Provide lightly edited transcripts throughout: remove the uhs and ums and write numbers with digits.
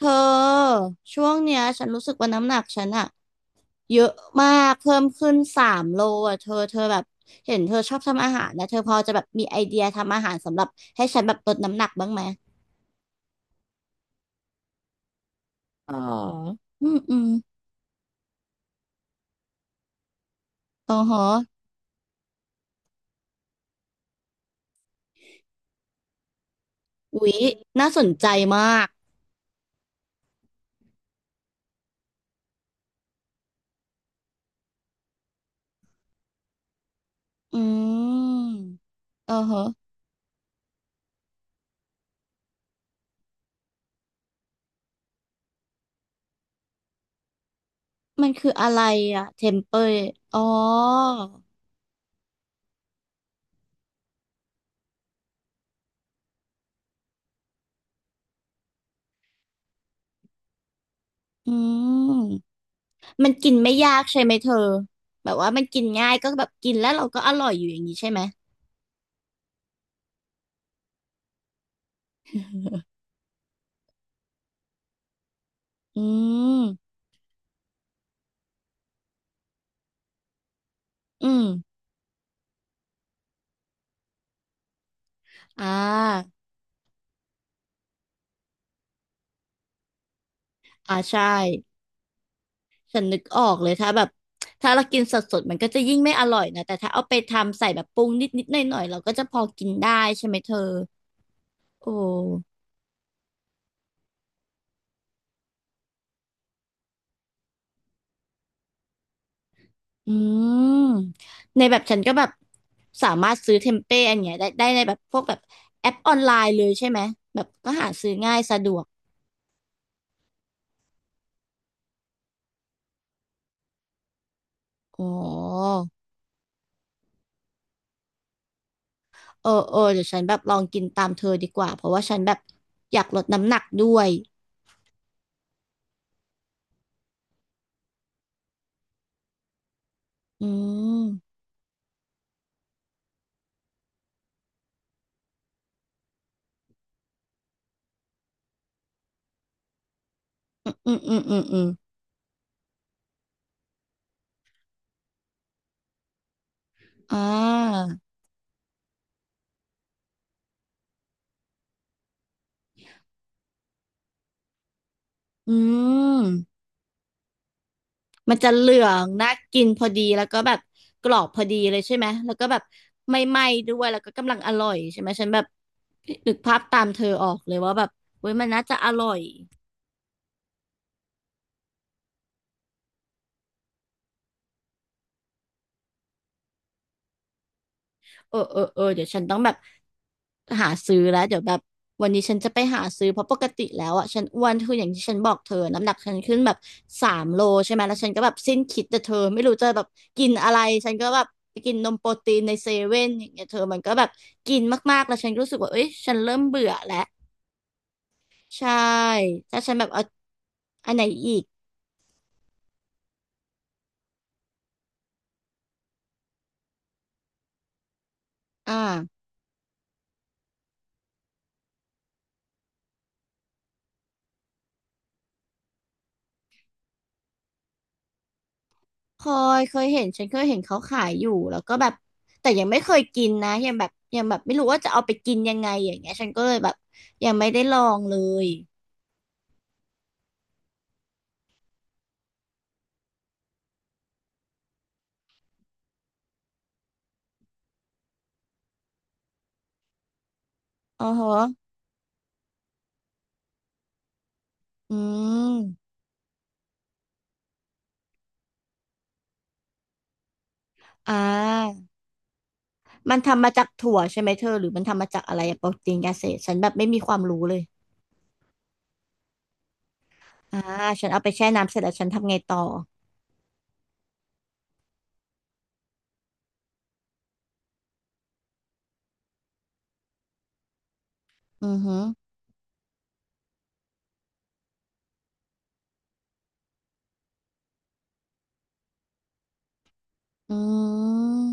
เธอช่วงเนี้ยฉันรู้สึกว่าน้ำหนักฉันอะเยอะมากเพิ่มขึ้นสามโลอะเธอแบบเห็นเธอชอบทำอาหารนะเธอพอจะแบบมีไอเดียทำอาหารสำหรับให้ฉันแบบลดน้ำหนักบ้างไหมอ๋ออืมอืมอ๋อฮะอุ๊ยน่าสนใจมากอืมอ๋อฮะมันคืออะไรอะเทมเปยอ๋ออืมมันกินไม่ยากใช่ไหมเธอแบบว่ามันกินง่ายก็แบบกินแล้วเราก็อร่อยอยู่อย่างนี้ใช่ไหม อืมอืมอ่าอ่าใช่ฉันนึกออกเลยถ้าแบบถ้าเรากินสดๆมันก็จะยิ่งไม่อร่อยนะแต่ถ้าเอาไปทำใส่แบบปรุงนิดๆหน่อยๆเราก็จะพอกินได้ใช่ไหมเธอโอ้อืมในแบบฉันก็แบบสามารถซื้อเทมเป้อันเนี้ยได้ในแบบพวกแบบแอปออนไลน์เลยใช่ไหมแบบก็หาซื้อง่ายสะดวกอ๋อเออเออเดี๋ยวฉันแบบลองกินตามเธอดีกว่าเพราะว่าฉันแบบอยากลดน้ำหนักด้วยอืม อืมอืมอืมอืมอ่าอืมมันจะเหลืองน่ากินพอดีแล้วก็แบบกรอบพอดีเลยใช่ไหมแล้วก็แบบไม่ไหม้ด้วยแล้วก็กำลังอร่อยใช่ไหมฉันแบบนึกภาพตามเธอออกเลยว่าแบบเว้ยมันน่าจะอร่อยเออเออเออเดี๋ยวฉันต้องแบบ หาซื้อแล้วเดี๋ยวแบบวันนี้ฉันจะไปหาซื้อเพราะปกติแล้วอ่ะฉันอ้วนคืออย่างที่ฉันบอกเธอน้ำหนักฉันขึ้นแบบสามโลใช่ไหมแล้วฉันก็แบบสิ้นคิดแต่เธอไม่รู้จะแบบกินอะไรฉันก็แบบไปกินนมโปรตีนในเซเว่นอย่างเงี้ยเธอมันก็แบบกินมากๆแล้วฉันก็รู้สึกว่าเอ้ยฉันเริ่มเบื่อแล้วใช่ถ้าฉันแบบเอาอันไหนอีกอ่า เคเคยเห็นฉันเคยเห็นเขาขายอยู่แล้วก็แบบแต่ยังไม่เคยกินนะยังแบบยังแบบไม่รู้ว่าจะเอาไปกินยังไงอย่างเงี้ยฉันก็เลยแบบยังไม่ได้ลองเลยอ๋อฮะอืมอ่ามันทำมาจากถั่วใช่ไหมเธอหรือมันทำมาจากอะไรอะโปรตีนเกษตรฉันแบบไม่มีความรู้เลยอ่าฉันเอาไปแช่น้ำเสร็จแล้วฉันทำไงต่ออือฮึอืม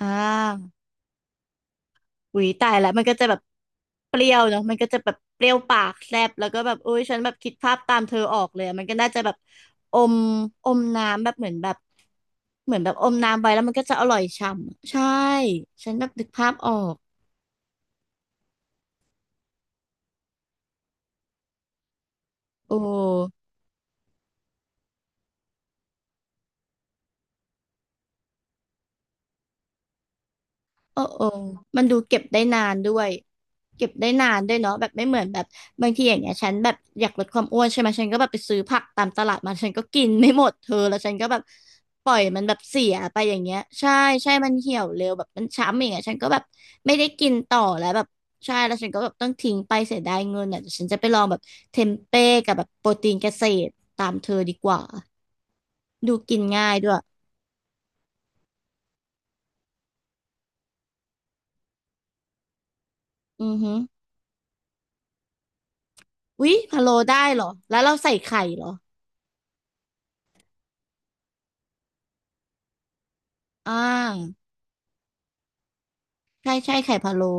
อ่า อุ๊ยตายแล้วมันก็จะแบบเปรี้ยวเนาะมันก็จะแบบเปรี้ยวปากแซบแล้วก็แบบอุ้ยฉันแบบคิดภาพตามเธอออกเลยอะมันก็น่าจะแบบอมอมน้ำแบบเหมือนแบบเหมือนแบบอมน้ำไว้แล้วมันก็จะอร่อยฉ่ำใช่ฉันแบบนึกภาพออกโอ้ เออเออมันดูเก็บได้นานด้วย เก็บได้นานด้วยเนาะแบบไม่เหมือนแบบบางทีอย่างเงี้ยฉันแบบอยากลดความอ้วนใช่ไหม ฉันก็แบบไปซื้อผักตามตลาดมา ฉันก็กินไม่หมดเธอแล้วฉันก็แบบปล่อยมันแบบเสียไปอย่างเงี้ยใช่ ใช่ มันเหี่ยวเร็วแบบมันช้ำอย่างเงี้ยฉันก็แบบไม่ได้กินต่อแล้วแบบใช่แล้วฉันก็แบบต้องทิ้งไปเสียดายเงินอ่ะเดี๋ยวฉันจะไปลองแบบเทมเป้กับแบบโปรตีนเกษตรตามเธอดีกว่าดูกินง่ายด้วยอือฮึอุ๊ยพะโล้ได้เหรอแล้วเราใส่ไข่เหรออ่า ใช่ใช่ไข่พะโล้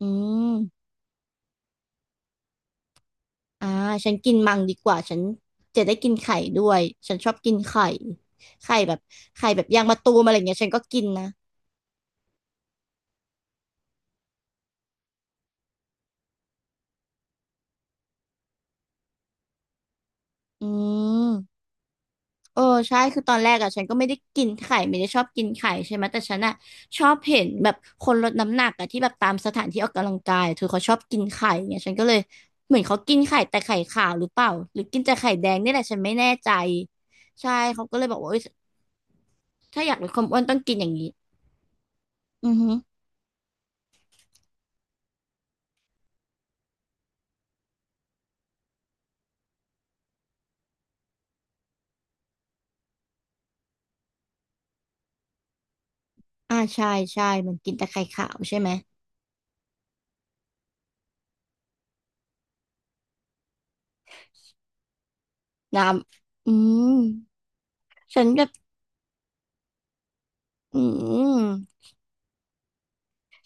อืมอ่าฉันกินมังดีกว่า ฉันจะได้กินไข่ด้วย ฉันชอบกินไข่ ไข่แบบไข่แบบยางมะตูมอะไรเงี้ยฉันก็กินนะอืมเออใช่คือตอนแรกอ่ะฉันก็ไม่ได้กินไข่ไม่ได้ชอบกินไข่ใช่ไหมแต่ฉันอ่ะชอบเห็นแบบคนลดน้ำหนักอ่ะที่แบบตามสถานที่ออกกำลังกายเธอเขาชอบกินไข่เงียฉันก็เลยเหมือนเขากินไข่แต่ไข่ขาวหรือเปล่าหรือกินแต่ไข่แดงนี่แหละฉันไม่แน่ใจใช่เขาก็เลยบอกว่าเอ้ยถ้าอยากลดความอ้วนต้องกินอย่างนี้อือฮึ อ่าใช่ใช่มันกินแต่ไข่ขาวใช่ไหมน้ำอืมฉันแบบอืม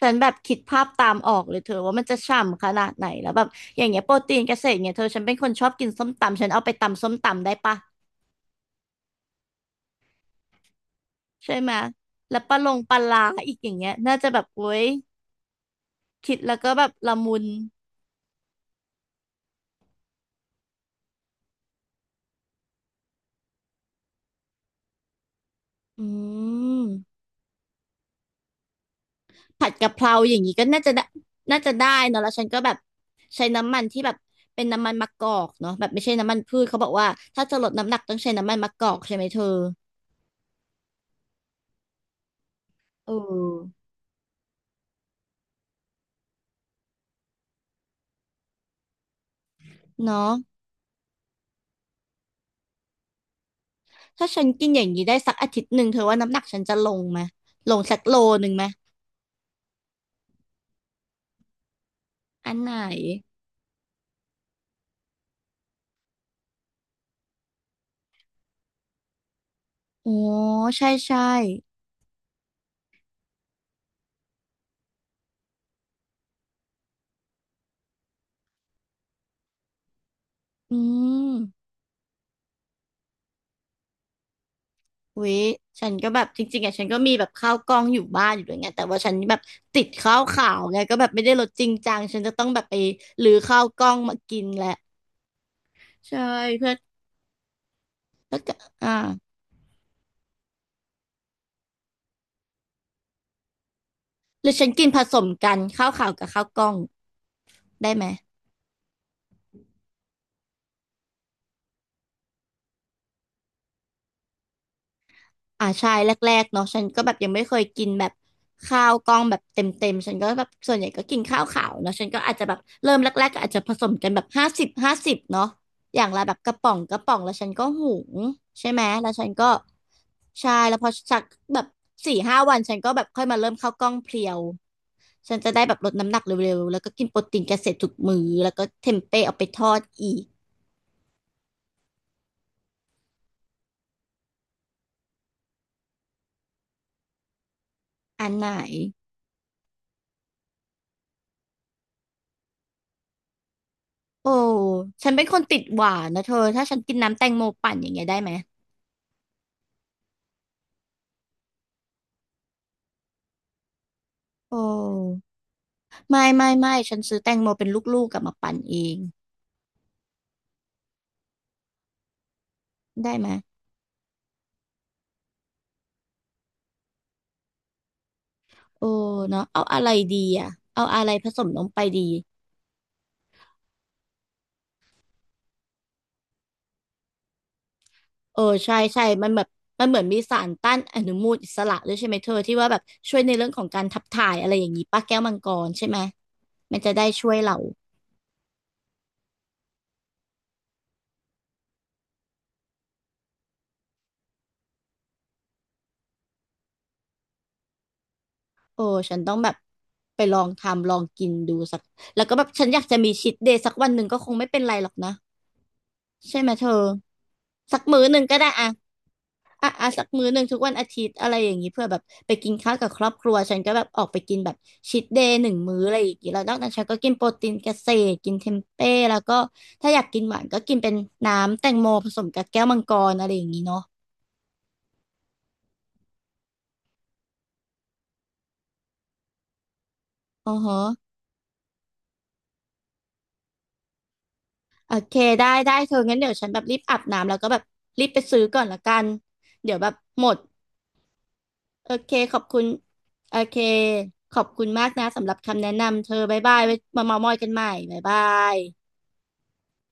ฉันแบบคิดภาพตามออกเลยเธอว่ามันจะฉ่ำขนาดไหนแล้วแบบอย่างเงี้ยโปรตีนเกษตรเนี่ยเธอฉันเป็นคนชอบกินส้มตำฉันเอาไปตำส้มตำได้ปะใช่ไหมแล้วปลาลงปลาลาอีกอย่างเงี้ยน่าจะแบบโอ๊ยคิดแล้วก็แบบละมุนอืม ผัดกะเพราอย่างนี้ก็น่าจะได้น่าจะได้เนอะแล้วฉันก็แบบใช้น้ำมันที่แบบเป็นน้ำมันมะกอกเนาะแบบไม่ใช่น้ำมันพืชเขาบอกว่าถ้าจะลดน้ำหนักต้องใช้น้ำมันมะกอกใช่ไหมเธอเออเนาะถ้าฉันกินอย่างนี้ได้สักอาทิตย์หนึ่งเธอว่าน้ำหนักฉันจะลงไหมลงสักโลหนึ่งไหมอันไหนอ๋อใช่ใช่อืม อุ๊ยฉันก็แบบจริงๆอะฉันก็มีแบบข้าวกล้องอยู่บ้านอยู่ด้วยไงแต่ว่าฉันแบบติดข้าวขาวไงก็แบบไม่ได้ลดจริงจังฉันจะต้องแบบไปหรือข้าวกล้องมากินแหละใช่เพื่อแล้วก็อ่าหรือฉันกินผสมกันข้าวขาวกับข้าวกล้องได้ไหม อ่าใช่แรกๆเนาะฉันก็แบบยังไม่เคยกินแบบข้าวกล้องแบบเต็มๆฉันก็แบบส่วนใหญ่ก็กินข้าวขาวเนาะฉันก็อาจจะแบบเริ่มแรกๆก็อาจจะผสมกันแบบ50 50เนาะอย่างละแบบกระป๋องกระป๋องแล้วฉันก็หุงใช่ไหมแล้วฉันก็ใช่แล้วพอสักแบบ4 5 วันฉันก็แบบค่อยมาเริ่มข้าวกล้องเพรียวฉันจะได้แบบลดน้ำหนักเร็วๆแล้วก็กินโปรตีนเกษตรทุกมื้อแล้วก็เทมเป้เอาไปทอดอีกอันไหน โอ้ฉันเป็นคนติดหวานนะเธอ ถ้าฉันกินน้ำแตงโมปั่นอย่างเงี้ยได้ไหมโอ้ไม่ไม่ไม่ฉันซื้อแตงโมเป็นลูกๆกลับมาปั่นเองได้ไหมโอ้เนาะเอาอะไรดีอ่ะเอาอะไรผสมลงไปดีเออใช่ใช่มันแบบมันเหมือนมีสารต้านอนุมูลอิสระด้วยใช่ไหมเธอที่ว่าแบบช่วยในเรื่องของการขับถ่ายอะไรอย่างนี้ป้าแก้วมังกรใช่ไหมมันจะได้ช่วยเราโอ้ฉันต้องแบบไปลองทำลองกินดูสักแล้วก็แบบฉันอยากจะมีชีทเดย์สักวันหนึ่งก็คงไม่เป็นไรหรอกนะ ใช่ไหมเธอสักมื้อหนึ่งก็ได้อะอ่ะอ่ะสักมื้อหนึ่งทุกวันอาทิตย์อะไรอย่างนี้เพื่อแบบไปกินข้าวกับครอบครัวฉันก็แบบออกไปกินแบบชีทเดย์หนึ่งมื้ออะไรอย่างนี้แล้วนอกนั้นฉันก็กินโปรตีนเกษตรกินเทมเป้แล้วก็ถ้าอยากกินหวานก็กินเป็นน้ำแตงโมผสมกับแก้วมังกรอะไรอย่างนี้เนาะอ๋อฮะโอเคได้ได้เธองั้นเดี๋ยวฉันแบบรีบอาบน้ำแล้วก็แบบรีบไปซื้อก่อนละกันเดี๋ยวแบบหมด โอเคขอบคุณโอเคขอบคุณมากนะสำหรับคำแนะนำเธอบ๊ายบายไว้มาเมามอยกันใหม่บ๊ายบาย